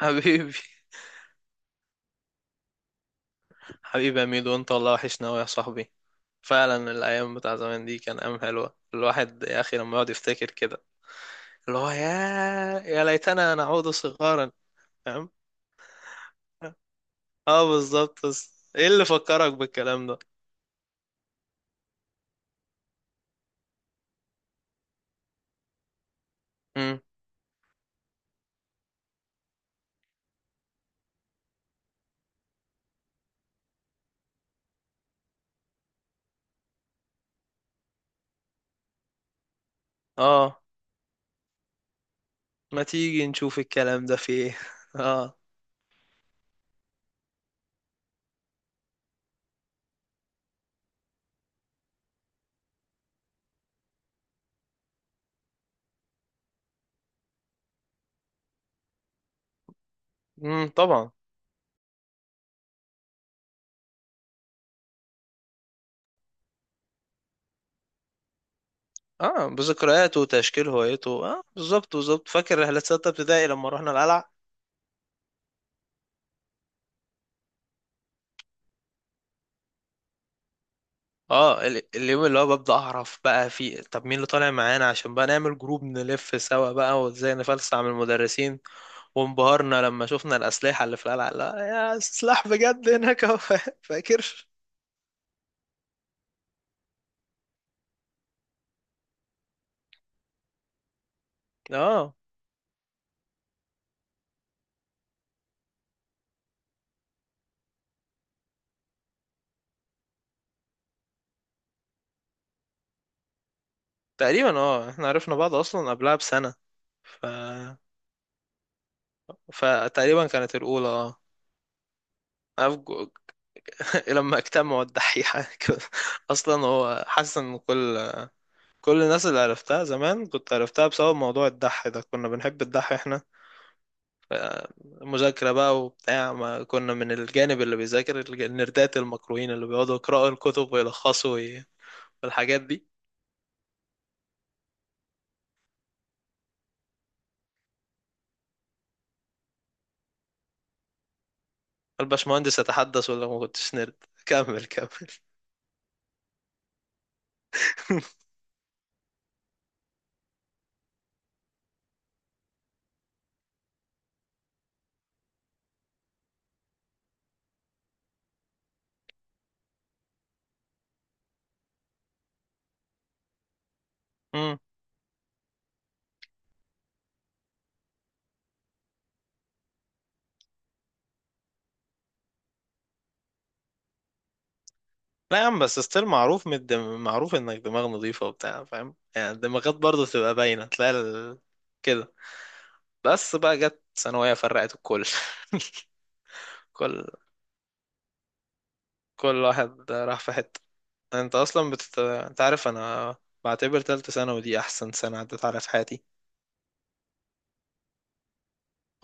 حبيبي. حبيبي يا ميدو، انت والله وحشنا قوي يا صاحبي. فعلا الايام بتاع زمان دي كان ايام حلوه، الواحد يا اخي لما يقعد يفتكر كده اللي هو يا ليتنا نعود صغارا. فاهم؟ اه بالظبط. بس ايه اللي فكرك بالكلام ده؟ امم. اه، ما تيجي نشوف الكلام ده في ايه اه. طبعا. اه بذكرياته وتشكيل هويته، اه بالظبط بالظبط. فاكر رحلة ستة ابتدائي لما رحنا القلعة؟ اه اليوم اللي هو ببدأ اعرف بقى في طب مين اللي طالع معانا عشان بقى نعمل جروب نلف سوا بقى وازاي نفلسع من المدرسين. وانبهرنا لما شفنا الأسلحة اللي في القلعة. لا يا سلاح بجد هناك اهو فاكر؟ اه تقريبا اه. احنا عرفنا بعض اصلا قبلها بسنة. ف فتقريبا كانت الأولى اه. أنا في جو- لما اجتمعوا الدحيحة كده. اصلا هو حاسس ان كل الناس اللي عرفتها زمان كنت عرفتها بسبب موضوع الدح ده. كنا بنحب الدح احنا، مذاكرة بقى وبتاع. ما كنا من الجانب اللي بيذاكر النردات المكروهين اللي بيقعدوا يقرأوا الكتب ويلخصوا والحاجات دي. الباشمهندس يتحدث ولا ما كنتش نرد؟ كمل كمل مم. لا يا عم. بس ستيل معروف انك دماغ نظيفة وبتاع فاهم، يعني الدماغات برضه بتبقى باينة. تلاقي كده. بس بقى جت ثانوية فرقت الكل كل كل واحد راح في حتة. انت عارف انا بعتبر تالتة ثانوي دي احسن سنة عدت على في حياتي.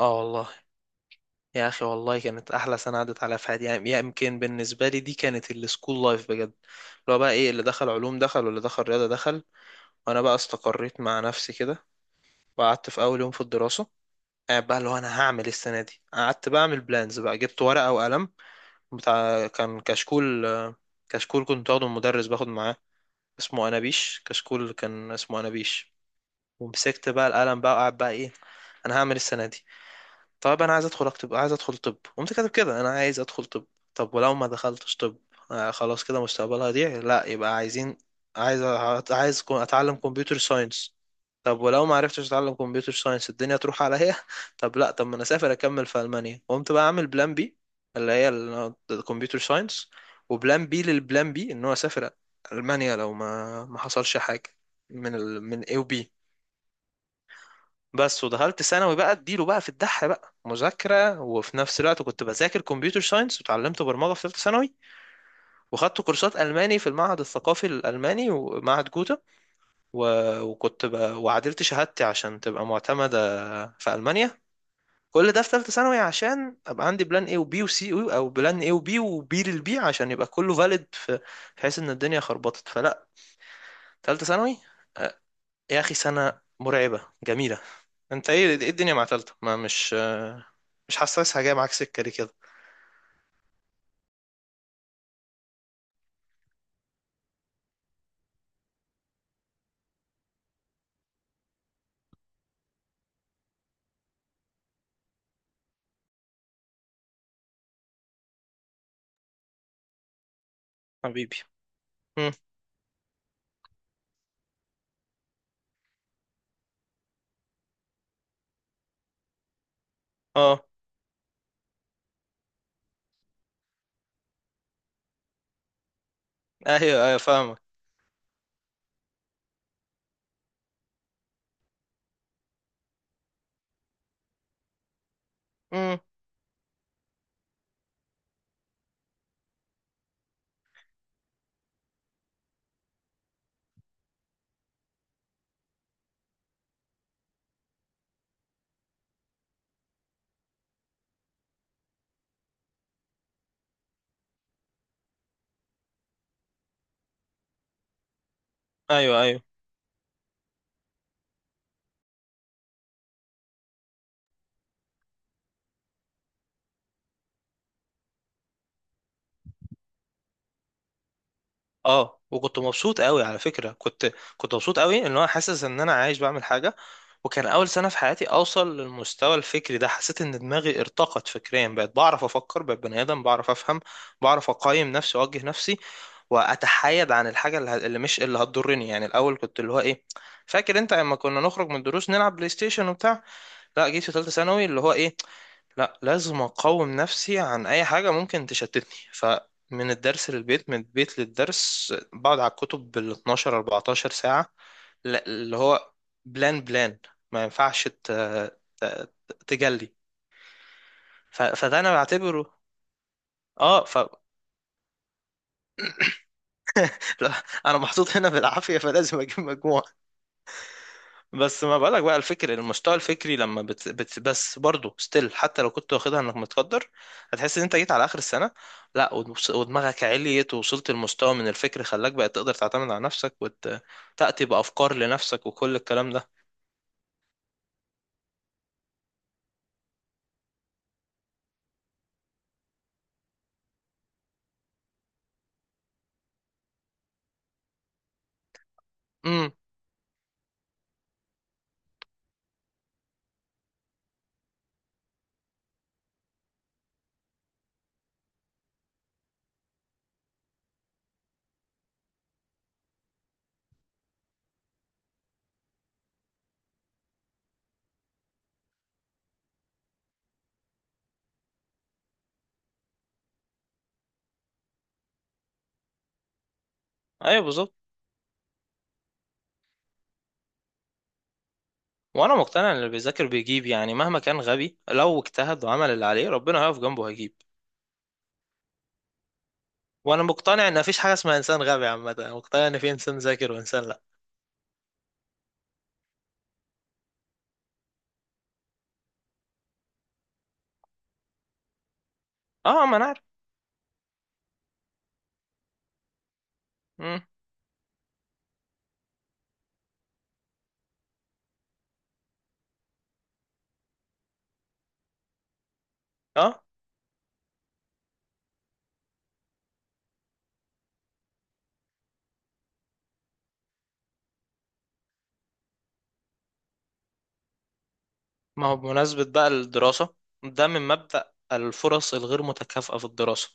اه والله. يا اخي والله كانت احلى سنه عدت عليا في حياتي. يعني يمكن بالنسبه لي دي كانت السكول لايف بجد، اللي هو بقى ايه؟ اللي دخل علوم دخل واللي دخل رياضه دخل. وانا بقى استقريت مع نفسي كده. وقعدت في اول يوم في الدراسه قاعد بقى اللي هو انا هعمل إيه السنه دي. قعدت بقى اعمل بلانز بقى، جبت ورقه وقلم. بتاع كان كشكول. كشكول كنت واخده من مدرس باخد معاه، اسمه انابيش. كشكول كان اسمه انابيش. ومسكت بقى القلم بقى وقعد بقى ايه، انا هعمل إيه السنه دي؟ طب انا عايز ادخل، اكتب عايز ادخل طب. قمت كاتب كده انا عايز ادخل طب. طب ولو ما دخلتش طب؟ آه، خلاص كده مستقبلها يضيع. لا يبقى عايزين عايز عايز اتعلم كمبيوتر ساينس. طب ولو ما عرفتش اتعلم كمبيوتر ساينس الدنيا تروح عليا طب لا، طب ما انا اسافر اكمل في المانيا. قمت بقى اعمل بلان بي، اللي هي الكمبيوتر ساينس، وبلان بي للبلان بي ان هو اسافر المانيا لو ما حصلش حاجه من اي وبي. بس ودخلت ثانوي بقى اديله بقى في الدح بقى مذاكرة، وفي نفس الوقت كنت بذاكر كمبيوتر ساينس وتعلمت برمجة في ثالثة ثانوي. وخدت كورسات ألماني في المعهد الثقافي الألماني ومعهد جوتا و... وعدلت شهادتي عشان تبقى معتمدة في ألمانيا. كل ده في ثالثة ثانوي عشان أبقى عندي بلان A وبي وسي، أو بلان A وبي وبي للبي عشان يبقى كله فاليد بحيث إن الدنيا خربطت فلا. ثالثة ثانوي يا أخي سنة مرعبة جميلة. انت ايه الدنيا مع تالتة؟ ما مش حاسسها جايه معاك سكه ليه كده؟ حبيبي. امم. اه. ايوه ايوه فاهمك. امم. ايوه ايوه. اه، وكنت مبسوط قوي على فكرة. كنت مبسوط قوي ان انا حاسس ان انا عايش بعمل حاجة. وكان اول سنة في حياتي اوصل للمستوى الفكري ده. حسيت ان دماغي ارتقت فكريا، بقيت بعرف افكر، بقيت بني ادم بعرف افهم بعرف اقيم نفسي واوجه نفسي واتحايد عن الحاجة اللي مش اللي هتضرني يعني. الاول كنت اللي هو ايه، فاكر انت لما كنا نخرج من الدروس نلعب بلاي ستيشن وبتاع. لا جيت في ثالثه ثانوي اللي هو ايه، لا لازم اقاوم نفسي عن اي حاجه ممكن تشتتني. فمن الدرس للبيت من البيت للدرس بقعد على الكتب بال 12 14 ساعه. اللي هو بلان، ما ينفعش ت- تجلي. فده انا بعتبره. اه ف لا، انا محطوط هنا بالعافيه فلازم اجيب مجموعه. بس ما بقولك بقى، الفكر المستوى الفكري لما بس برضه ستيل حتى لو كنت واخدها انك متقدر هتحس ان انت جيت على اخر السنه. لا ودماغك عليت ووصلت لمستوى من الفكر خلاك بقى تقدر تعتمد على نفسك وتاتي بافكار لنفسك وكل الكلام ده. امم. ايوه بالظبط. وانا مقتنع ان اللي بيذاكر بيجيب، يعني مهما كان غبي لو اجتهد وعمل اللي عليه ربنا هيقف جنبه هيجيب. وانا مقتنع ان مفيش حاجه اسمها انسان غبي، عامه أنا مقتنع ان في انسان ذاكر وانسان لا. اه، ما انا عارف. امم. اه، ما هو بمناسبة بقى الدراسة. ده من مبدأ الفرص الغير متكافئة في الدراسة.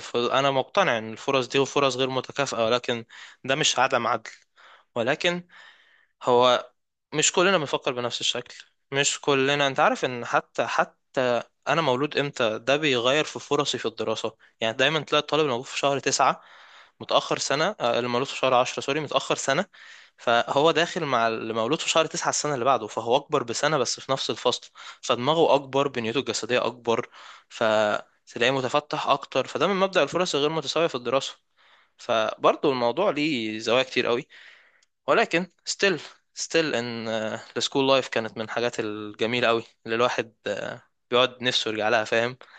أنا مقتنع إن الفرص دي فرص غير متكافئة، ولكن ده مش عدم عدل. ولكن هو مش كلنا بنفكر بنفس الشكل، مش كلنا انت عارف ان حتى انا مولود امتى ده بيغير في فرصي في الدراسة. يعني دايما تلاقي الطالب المولود في شهر تسعة متأخر سنة، اللي مولود في شهر عشرة سوري متأخر سنة. فهو داخل مع اللي مولود في شهر تسعة السنة اللي بعده، فهو أكبر بسنة بس في نفس الفصل. فدماغه أكبر، بنيته الجسدية أكبر، فتلاقيه متفتح أكتر. فده من مبدأ الفرص الغير متساوية في الدراسة. فبرضه الموضوع ليه زوايا كتير قوي. ولكن still ان السكول لايف كانت من الحاجات الجميله قوي اللي الواحد بيقعد نفسه يرجع لها فاهم يعني.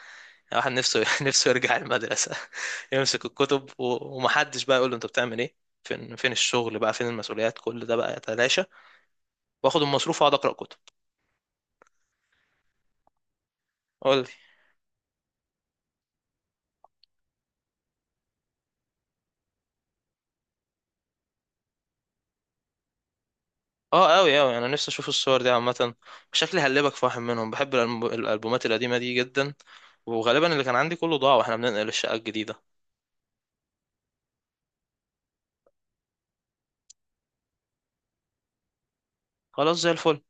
الواحد نفسه نفسه يرجع المدرسه يمسك الكتب ومحدش بقى يقول له انت بتعمل ايه. فين الشغل بقى فين المسؤوليات، كل ده بقى يتلاشى. واخد المصروف واقعد اقرا كتب. قول لي. اه قوي قوي انا نفسي اشوف الصور دي عامه. شكلي هقلبك في واحد منهم. بحب الالبومات القديمه دي جدا. وغالبا اللي كان عندي كله ضاع واحنا بننقل الشقه الجديده. خلاص زي الفل.